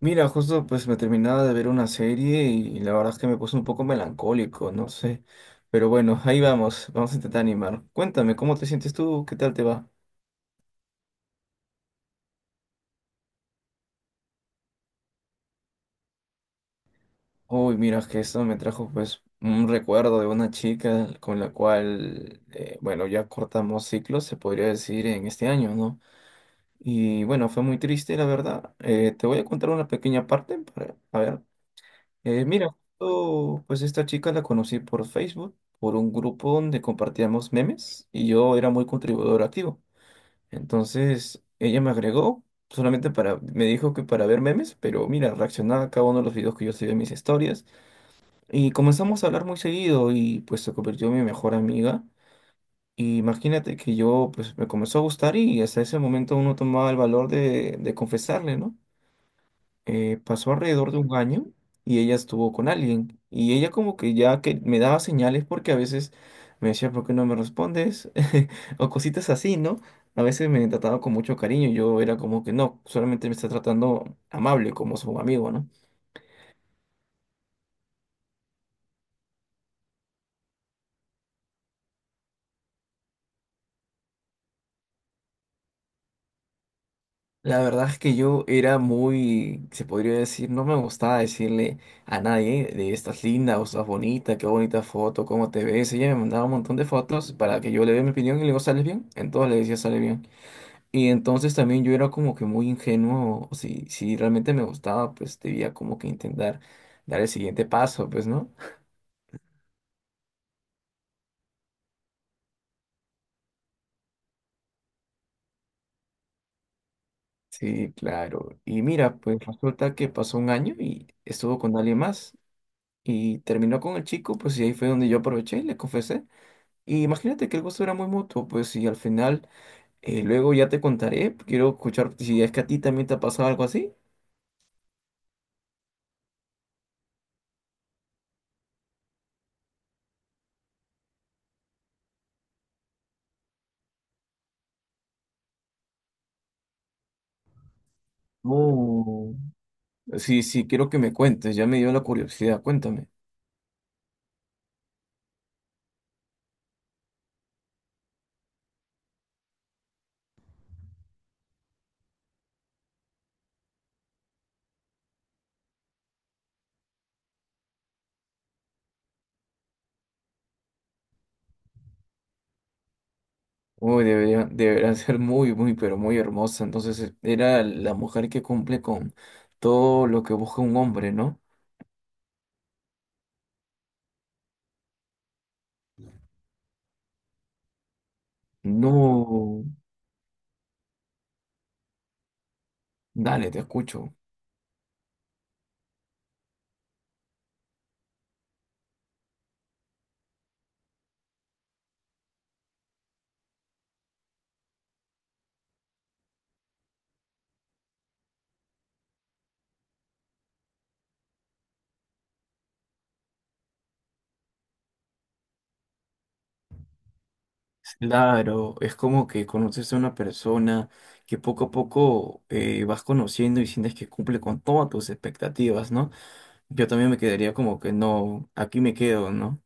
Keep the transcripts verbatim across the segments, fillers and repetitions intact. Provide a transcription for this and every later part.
Mira, justo pues me terminaba de ver una serie y la verdad es que me puse un poco melancólico, no sé. Pero bueno, ahí vamos, vamos a intentar animar. Cuéntame, ¿cómo te sientes tú? ¿Qué tal te va? Uy, mira, que esto me trajo pues un recuerdo de una chica con la cual, eh, bueno, ya cortamos ciclos, se podría decir, en este año, ¿no? Y bueno, fue muy triste, la verdad. Eh, te voy a contar una pequeña parte para, a ver. Eh, mira, justo, pues esta chica la conocí por Facebook, por un grupo donde compartíamos memes y yo era muy contribuidor activo. Entonces ella me agregó solamente para, me dijo que para ver memes, pero mira, reaccionaba a cada uno de los videos que yo subía en mis historias y comenzamos a hablar muy seguido y pues se convirtió en mi mejor amiga. Y imagínate que yo pues me comenzó a gustar y hasta ese momento uno tomaba el valor de, de confesarle, ¿no? Eh, pasó alrededor de un año y ella estuvo con alguien. Y ella como que ya que me daba señales porque a veces me decía, ¿por qué no me respondes? O cositas así, ¿no? A veces me trataba con mucho cariño y yo era como que no, solamente me está tratando amable como su amigo, ¿no? La verdad es que yo era muy, se podría decir, no me gustaba decirle a nadie de estas lindas o estás bonita, qué bonita foto, cómo te ves. Ella me mandaba un montón de fotos para que yo le dé mi opinión y le digo, ¿sales bien? Entonces le decía, sale bien. Y entonces también yo era como que muy ingenuo, o si, si realmente me gustaba, pues debía como que intentar dar el siguiente paso, pues, ¿no? Sí, claro. Y mira, pues resulta que pasó un año y estuvo con alguien más y terminó con el chico, pues y ahí fue donde yo aproveché y le confesé. Y imagínate que el gusto era muy mutuo, pues y al final, eh, luego ya te contaré, quiero escuchar si es que a ti también te ha pasado algo así. Oh. Sí, sí, quiero que me cuentes, ya me dio la curiosidad, cuéntame. Uy, debería, debería ser muy, muy, pero muy hermosa. Entonces eh, era la mujer que cumple con todo lo que busca un hombre, ¿no? No, dale, te escucho. Claro, es como que conoces a una persona que poco a poco eh, vas conociendo y sientes que cumple con todas tus expectativas, ¿no? Yo también me quedaría como que no, aquí me quedo, ¿no?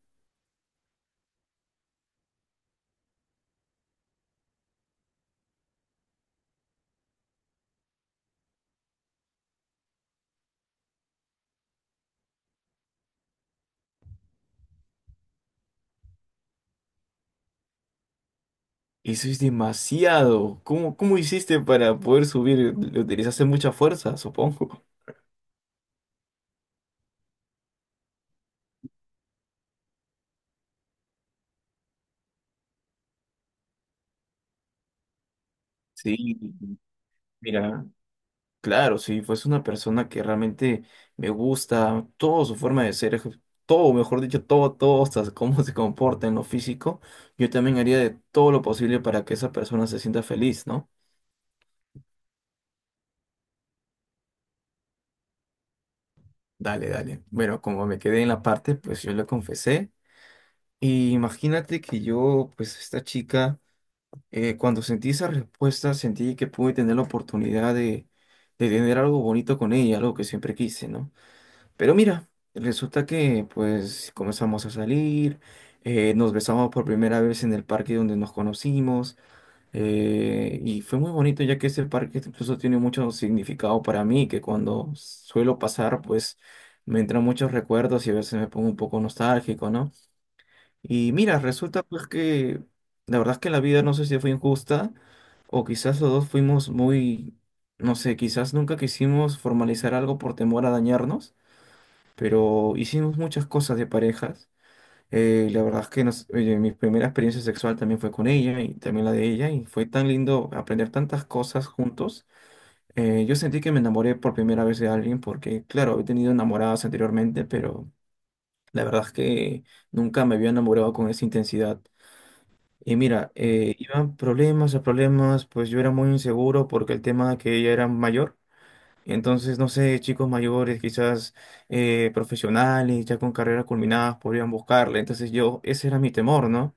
Eso es demasiado. ¿Cómo, cómo hiciste para poder subir? Le utilizaste mucha fuerza, supongo. Sí, mira. Claro, si fuese una persona que realmente me gusta, toda su forma de ser, eje- todo, mejor dicho, todo, todo, hasta cómo se comporta en lo físico, yo también haría de todo lo posible para que esa persona se sienta feliz, ¿no? Dale, dale. Bueno, como me quedé en la parte, pues yo le confesé. Y imagínate que yo, pues esta chica, eh, cuando sentí esa respuesta, sentí que pude tener la oportunidad de, de tener algo bonito con ella, algo que siempre quise, ¿no? Pero mira, resulta que pues comenzamos a salir, eh, nos besamos por primera vez en el parque donde nos conocimos eh, y fue muy bonito ya que ese parque incluso tiene mucho significado para mí, que cuando suelo pasar pues me entran muchos recuerdos y a veces me pongo un poco nostálgico, ¿no? Y mira, resulta pues que la verdad es que la vida no sé si fue injusta o quizás los dos fuimos muy, no sé, quizás nunca quisimos formalizar algo por temor a dañarnos pero hicimos muchas cosas de parejas. Eh, la verdad es que nos- oye, mi primera experiencia sexual también fue con ella y también la de ella y fue tan lindo aprender tantas cosas juntos. Eh, yo sentí que me enamoré por primera vez de alguien porque, claro, he tenido enamoradas anteriormente, pero la verdad es que nunca me había enamorado con esa intensidad. Y mira, eh, iban problemas a problemas, pues yo era muy inseguro porque el tema de que ella era mayor. Entonces, no sé, chicos mayores, quizás eh, profesionales, ya con carreras culminadas, podrían buscarle. Entonces yo, ese era mi temor, ¿no?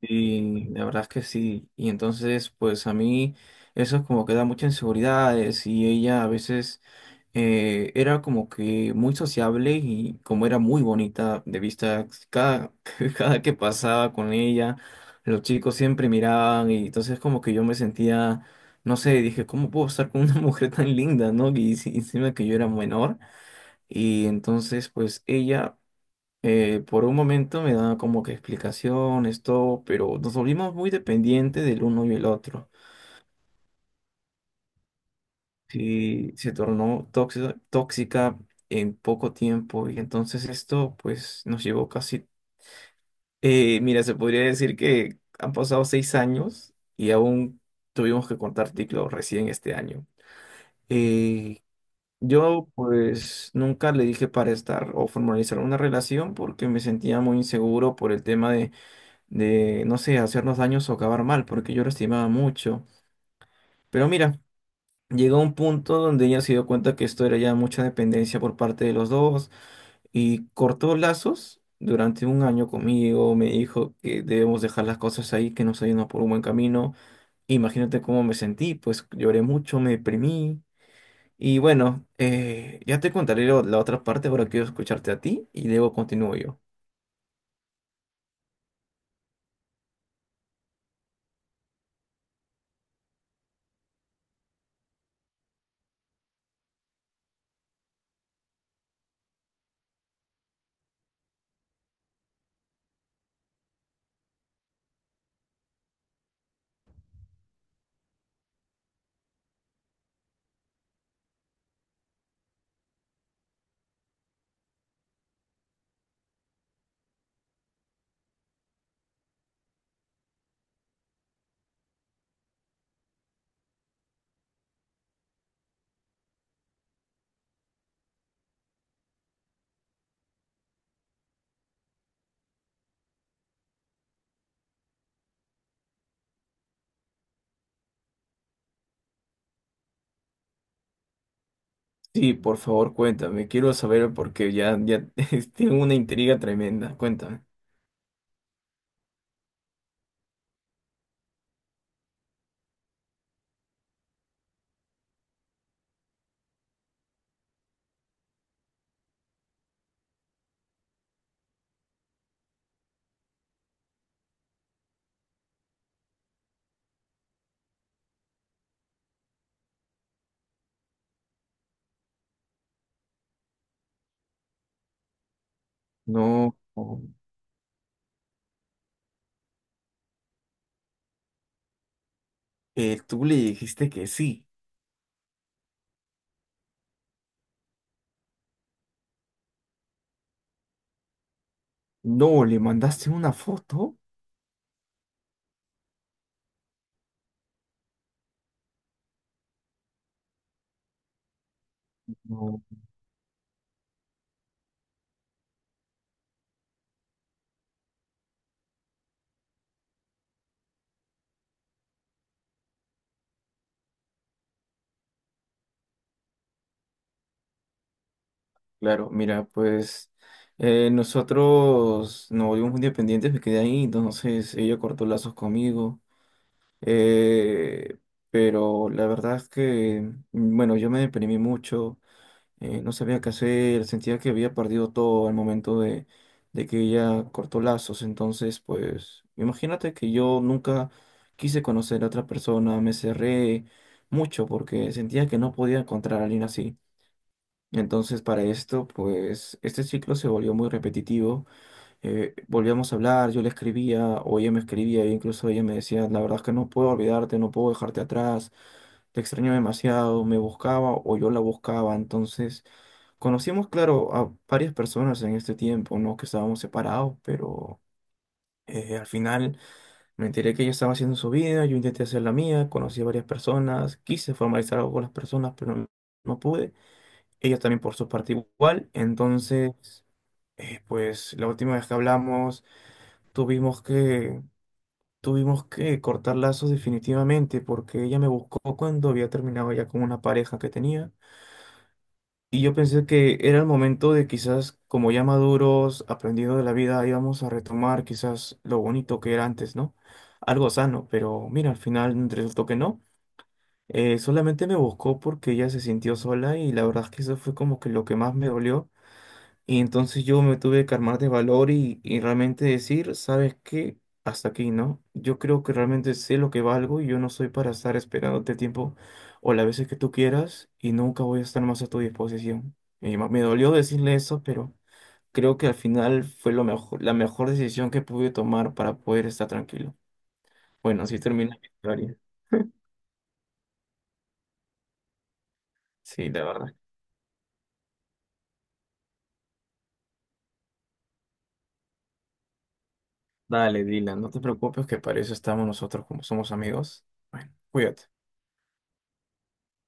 Y la verdad es que sí. Y entonces, pues a mí eso es como que da muchas inseguridades y ella a veces eh, era como que muy sociable y como era muy bonita de vista, cada, cada que pasaba con ella, los chicos siempre miraban y entonces como que yo me sentía, no sé, dije, ¿cómo puedo estar con una mujer tan linda, no? Y si- encima que yo era menor y entonces pues ella. Eh, por un momento me daba como que explicaciones, todo, pero nos volvimos muy dependientes del uno y el otro. Sí, se tornó tóxica, tóxica en poco tiempo y entonces esto pues nos llevó casi, eh, mira, se podría decir que han pasado seis años y aún tuvimos que cortar ciclo recién este año. Eh, yo pues nunca le dije para estar o formalizar una relación porque me sentía muy inseguro por el tema de, no sé, hacernos daños o acabar mal, porque yo lo estimaba mucho. Pero mira, llegó un punto donde ella se dio cuenta que esto era ya mucha dependencia por parte de los dos y cortó lazos durante un año conmigo, me dijo que debemos dejar las cosas ahí, que nos ayudan por un buen camino. Imagínate cómo me sentí, pues lloré mucho, me deprimí. Y bueno, eh, ya te contaré lo- la otra parte, ahora quiero escucharte a ti y luego continúo yo. Sí, por favor, cuéntame. Quiero saber porque ya, ya tengo una intriga tremenda. Cuéntame. No, eh, tú le dijiste que sí. No, le mandaste una foto. No. Claro, mira, pues eh, nosotros nos volvimos muy dependientes, me quedé ahí, entonces ella cortó lazos conmigo. Eh, pero la verdad es que, mm, bueno, yo me deprimí mucho. eh, no sabía qué hacer, sentía que había perdido todo al momento de, de, que ella cortó lazos. Entonces, pues, imagínate que yo nunca quise conocer a otra persona, me cerré mucho porque sentía que no podía encontrar a alguien así. Entonces, para esto, pues, este ciclo se volvió muy repetitivo. eh, volvíamos a hablar, yo le escribía o ella me escribía, e incluso ella me decía, la verdad es que no puedo olvidarte, no puedo dejarte atrás, te extraño demasiado, me buscaba o yo la buscaba, entonces. Conocimos, claro, a varias personas en este tiempo, ¿no? Que estábamos separados, pero eh, al final me enteré que ella estaba haciendo su vida, yo intenté hacer la mía, conocí a varias personas, quise formalizar algo con las personas, pero no, no pude. Ella también por su parte igual, entonces, eh, pues la última vez que hablamos tuvimos que, tuvimos que cortar lazos definitivamente, porque ella me buscó cuando había terminado ya con una pareja que tenía. Y yo pensé que era el momento de quizás, como ya maduros, aprendiendo de la vida, íbamos a retomar quizás lo bonito que era antes, ¿no? Algo sano, pero mira, al final resultó que no. Eh, solamente me buscó porque ella se sintió sola y la verdad es que eso fue como que lo que más me dolió, y entonces yo me tuve que armar de valor y, y realmente decir, ¿sabes qué? Hasta aquí, ¿no? Yo creo que realmente sé lo que valgo y yo no soy para estar esperándote tiempo o las veces que tú quieras y nunca voy a estar más a tu disposición. Y ma- me dolió decirle eso, pero creo que al final fue lo mejor, la mejor decisión que pude tomar para poder estar tranquilo. Bueno, así termina mi historia. Sí, la verdad. Dale, Dylan, no te preocupes que para eso estamos nosotros como somos amigos. Bueno, cuídate.